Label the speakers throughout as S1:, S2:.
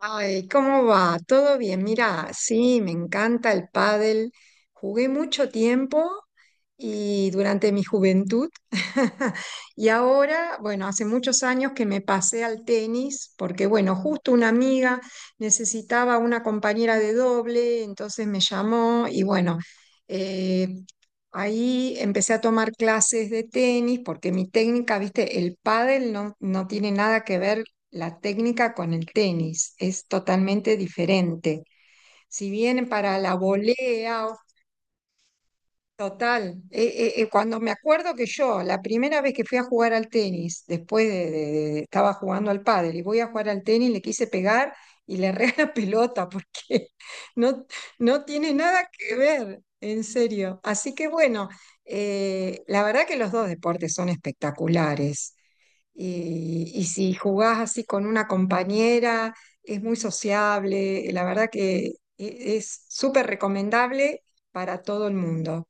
S1: Ay, ¿cómo va? ¿Todo bien? Mira, sí, me encanta el pádel. Jugué mucho tiempo y durante mi juventud. Y ahora, bueno, hace muchos años que me pasé al tenis porque, bueno, justo una amiga necesitaba una compañera de doble, entonces me llamó y bueno, eh, ahí empecé a tomar clases de tenis porque mi técnica, viste, el pádel no tiene nada que ver, la técnica con el tenis es totalmente diferente. Si bien para la volea, total, cuando me acuerdo que yo, la primera vez que fui a jugar al tenis, después de- estaba jugando al pádel y voy a jugar al tenis, le quise pegar y le erré la pelota porque no, no tiene nada que ver, en serio. Así que bueno, la verdad que los dos deportes son espectaculares. Y si jugás así con una compañera, es muy sociable. La verdad que es súper recomendable para todo el mundo.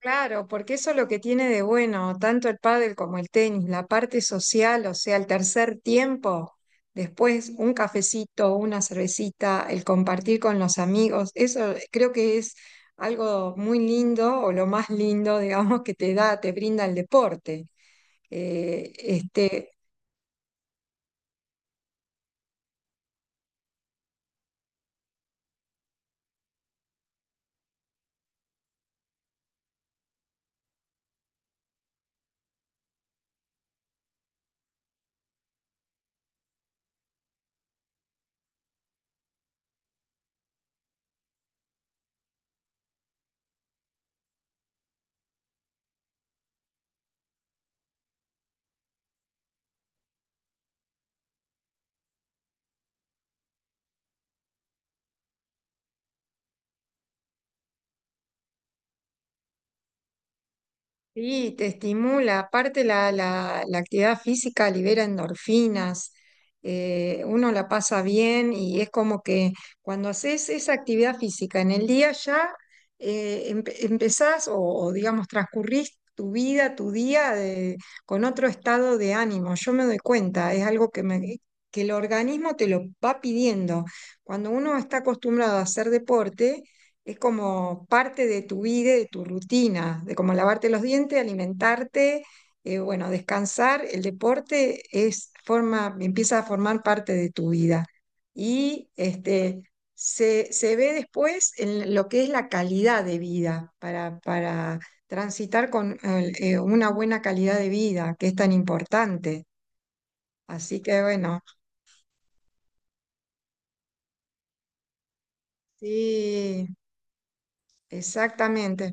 S1: Claro, porque eso es lo que tiene de bueno, tanto el pádel como el tenis, la parte social, o sea, el tercer tiempo, después un cafecito, una cervecita, el compartir con los amigos, eso creo que es algo muy lindo o lo más lindo, digamos, que te da, te brinda el deporte. Eh, este, Sí, te estimula. Aparte la actividad física libera endorfinas, uno la pasa bien y es como que cuando haces esa actividad física en el día ya empezás digamos transcurrís tu vida, con otro estado de ánimo. Yo me doy cuenta, es algo que, que el organismo te lo va pidiendo. Cuando uno está acostumbrado a hacer deporte es como parte de tu vida, de tu rutina, de como lavarte los dientes, alimentarte, bueno, descansar. El deporte empieza a formar parte de tu vida. Y este, se ve después en lo que es la calidad de vida, para transitar con una buena calidad de vida, que es tan importante. Así que bueno, sí, exactamente.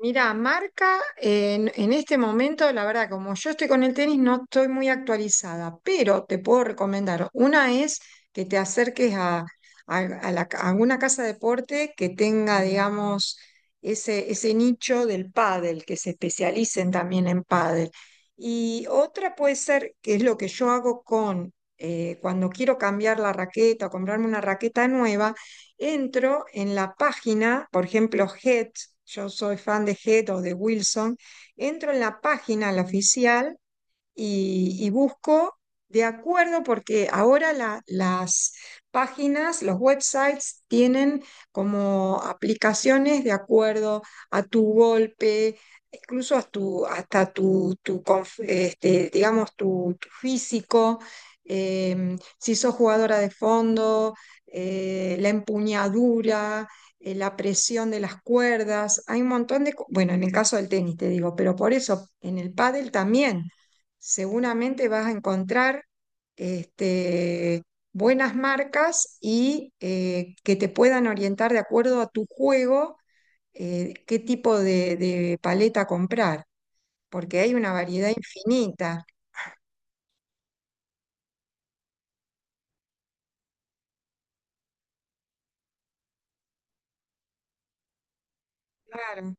S1: Mira, marca en este momento, la verdad, como yo estoy con el tenis, no estoy muy actualizada, pero te puedo recomendar. Una es que te acerques a, a alguna casa de deporte que tenga, digamos, ese nicho del pádel, que se especialicen también en pádel. Y otra puede ser, que es lo que yo hago con, cuando quiero cambiar la raqueta o comprarme una raqueta nueva, entro en la página, por ejemplo, Head, yo soy fan de Head o de Wilson, entro en la página, la oficial, y busco de acuerdo, porque ahora las páginas, los websites tienen como aplicaciones de acuerdo a tu golpe, incluso a hasta digamos, tu físico, si sos jugadora de fondo, la empuñadura. La presión de las cuerdas, hay un montón de, bueno, en el caso del tenis te digo, pero por eso en el pádel también seguramente vas a encontrar este, buenas marcas y que te puedan orientar de acuerdo a tu juego, qué tipo de paleta comprar, porque hay una variedad infinita. Claro.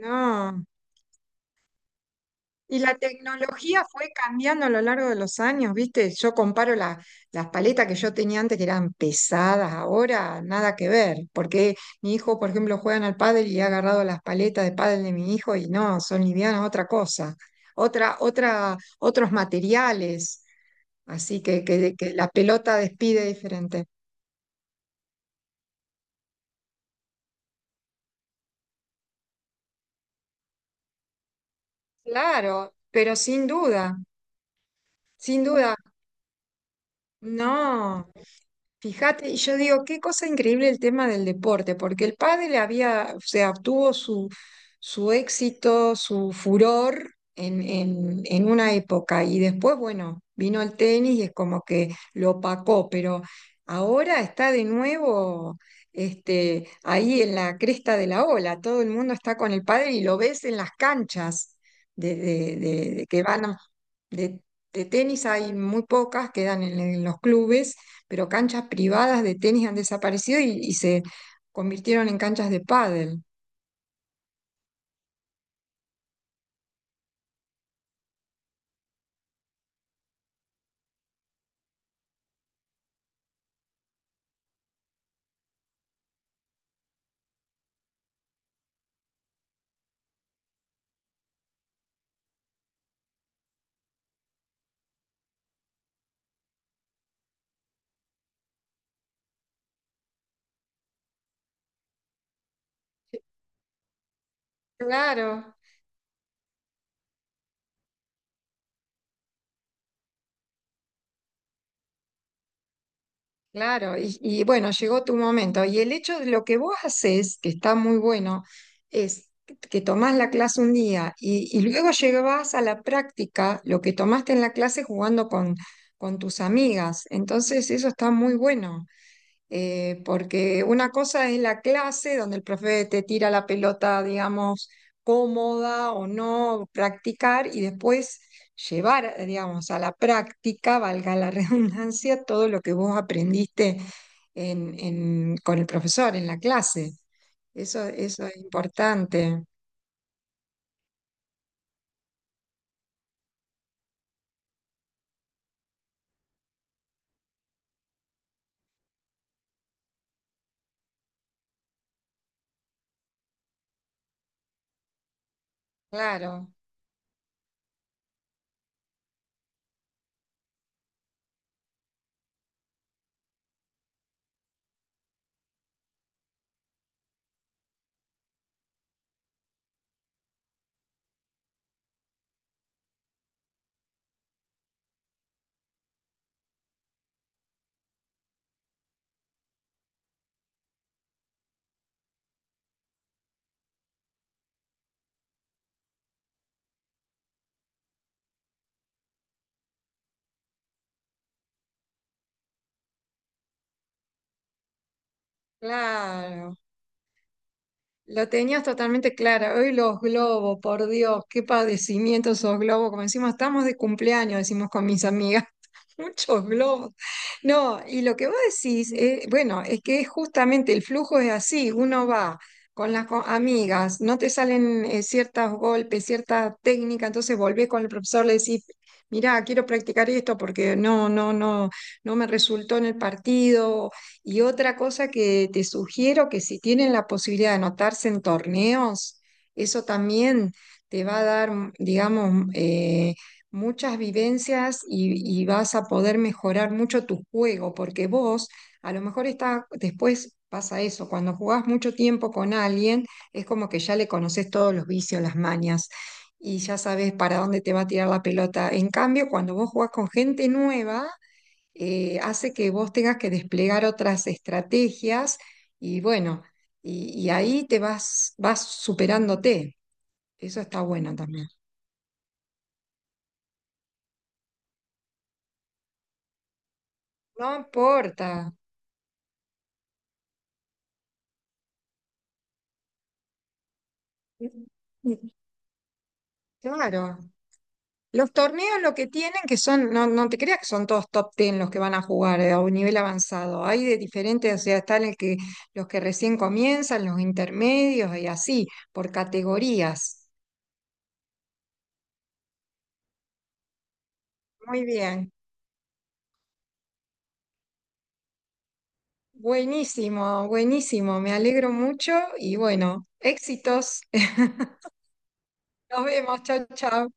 S1: No. Y la tecnología fue cambiando a lo largo de los años, ¿viste? Yo comparo las paletas que yo tenía antes, que eran pesadas, ahora nada que ver, porque mi hijo, por ejemplo, juega al pádel y ha agarrado las paletas de pádel de mi hijo y no, son livianas, otra cosa, otros materiales, así que la pelota despide diferente. Claro, pero sin duda, sin duda, no. Fíjate, y yo digo, qué cosa increíble el tema del deporte, porque el pádel había, o sea, obtuvo su, su éxito, su furor en una época, y después, bueno, vino el tenis y es como que lo opacó, pero ahora está de nuevo, ahí en la cresta de la ola, todo el mundo está con el pádel y lo ves en las canchas de que van a- de, de tenis hay muy pocas, quedan en los clubes, pero canchas privadas de tenis han desaparecido y se convirtieron en canchas de pádel. Claro, claro. Y bueno, llegó tu momento. Y el hecho de lo que vos haces, que está muy bueno, es que tomás la clase un día y luego llevas a la práctica lo que tomaste en la clase jugando con tus amigas. Entonces, eso está muy bueno. Porque una cosa es la clase donde el profe te tira la pelota, digamos, cómoda o no, practicar, y después llevar, digamos, a la práctica, valga la redundancia, todo lo que vos aprendiste con el profesor en la clase. Eso es importante. Claro, claro. Lo tenías totalmente clara. Hoy los globos, por Dios, qué padecimiento esos globos. Como decimos, estamos de cumpleaños, decimos con mis amigas. Muchos globos. No, y lo que vos decís, bueno, es que es justamente, el flujo es así. Uno va con las amigas, no te salen ciertos golpes, cierta técnica, entonces volvés con el profesor, le decís, mirá, quiero practicar esto porque no me resultó en el partido. Y otra cosa que te sugiero, que si tienen la posibilidad de anotarse en torneos, eso también te va a dar, digamos, muchas vivencias y vas a poder mejorar mucho tu juego, porque vos, a lo mejor está, después pasa eso, cuando jugás mucho tiempo con alguien, es como que ya le conoces todos los vicios, las mañas. Y ya sabes para dónde te va a tirar la pelota. En cambio, cuando vos jugás con gente nueva, hace que vos tengas que desplegar otras estrategias y bueno, y ahí te vas, vas superándote. Eso está bueno también. No importa. Claro. Los torneos lo que tienen, que son, no, no te creas que son todos top ten los que van a jugar, a un nivel avanzado. Hay de diferentes, o sea, están el que, los que recién comienzan, los intermedios, y así, por categorías. Muy bien. Buenísimo, buenísimo. Me alegro mucho y bueno, éxitos. Nos vemos, chao, chao.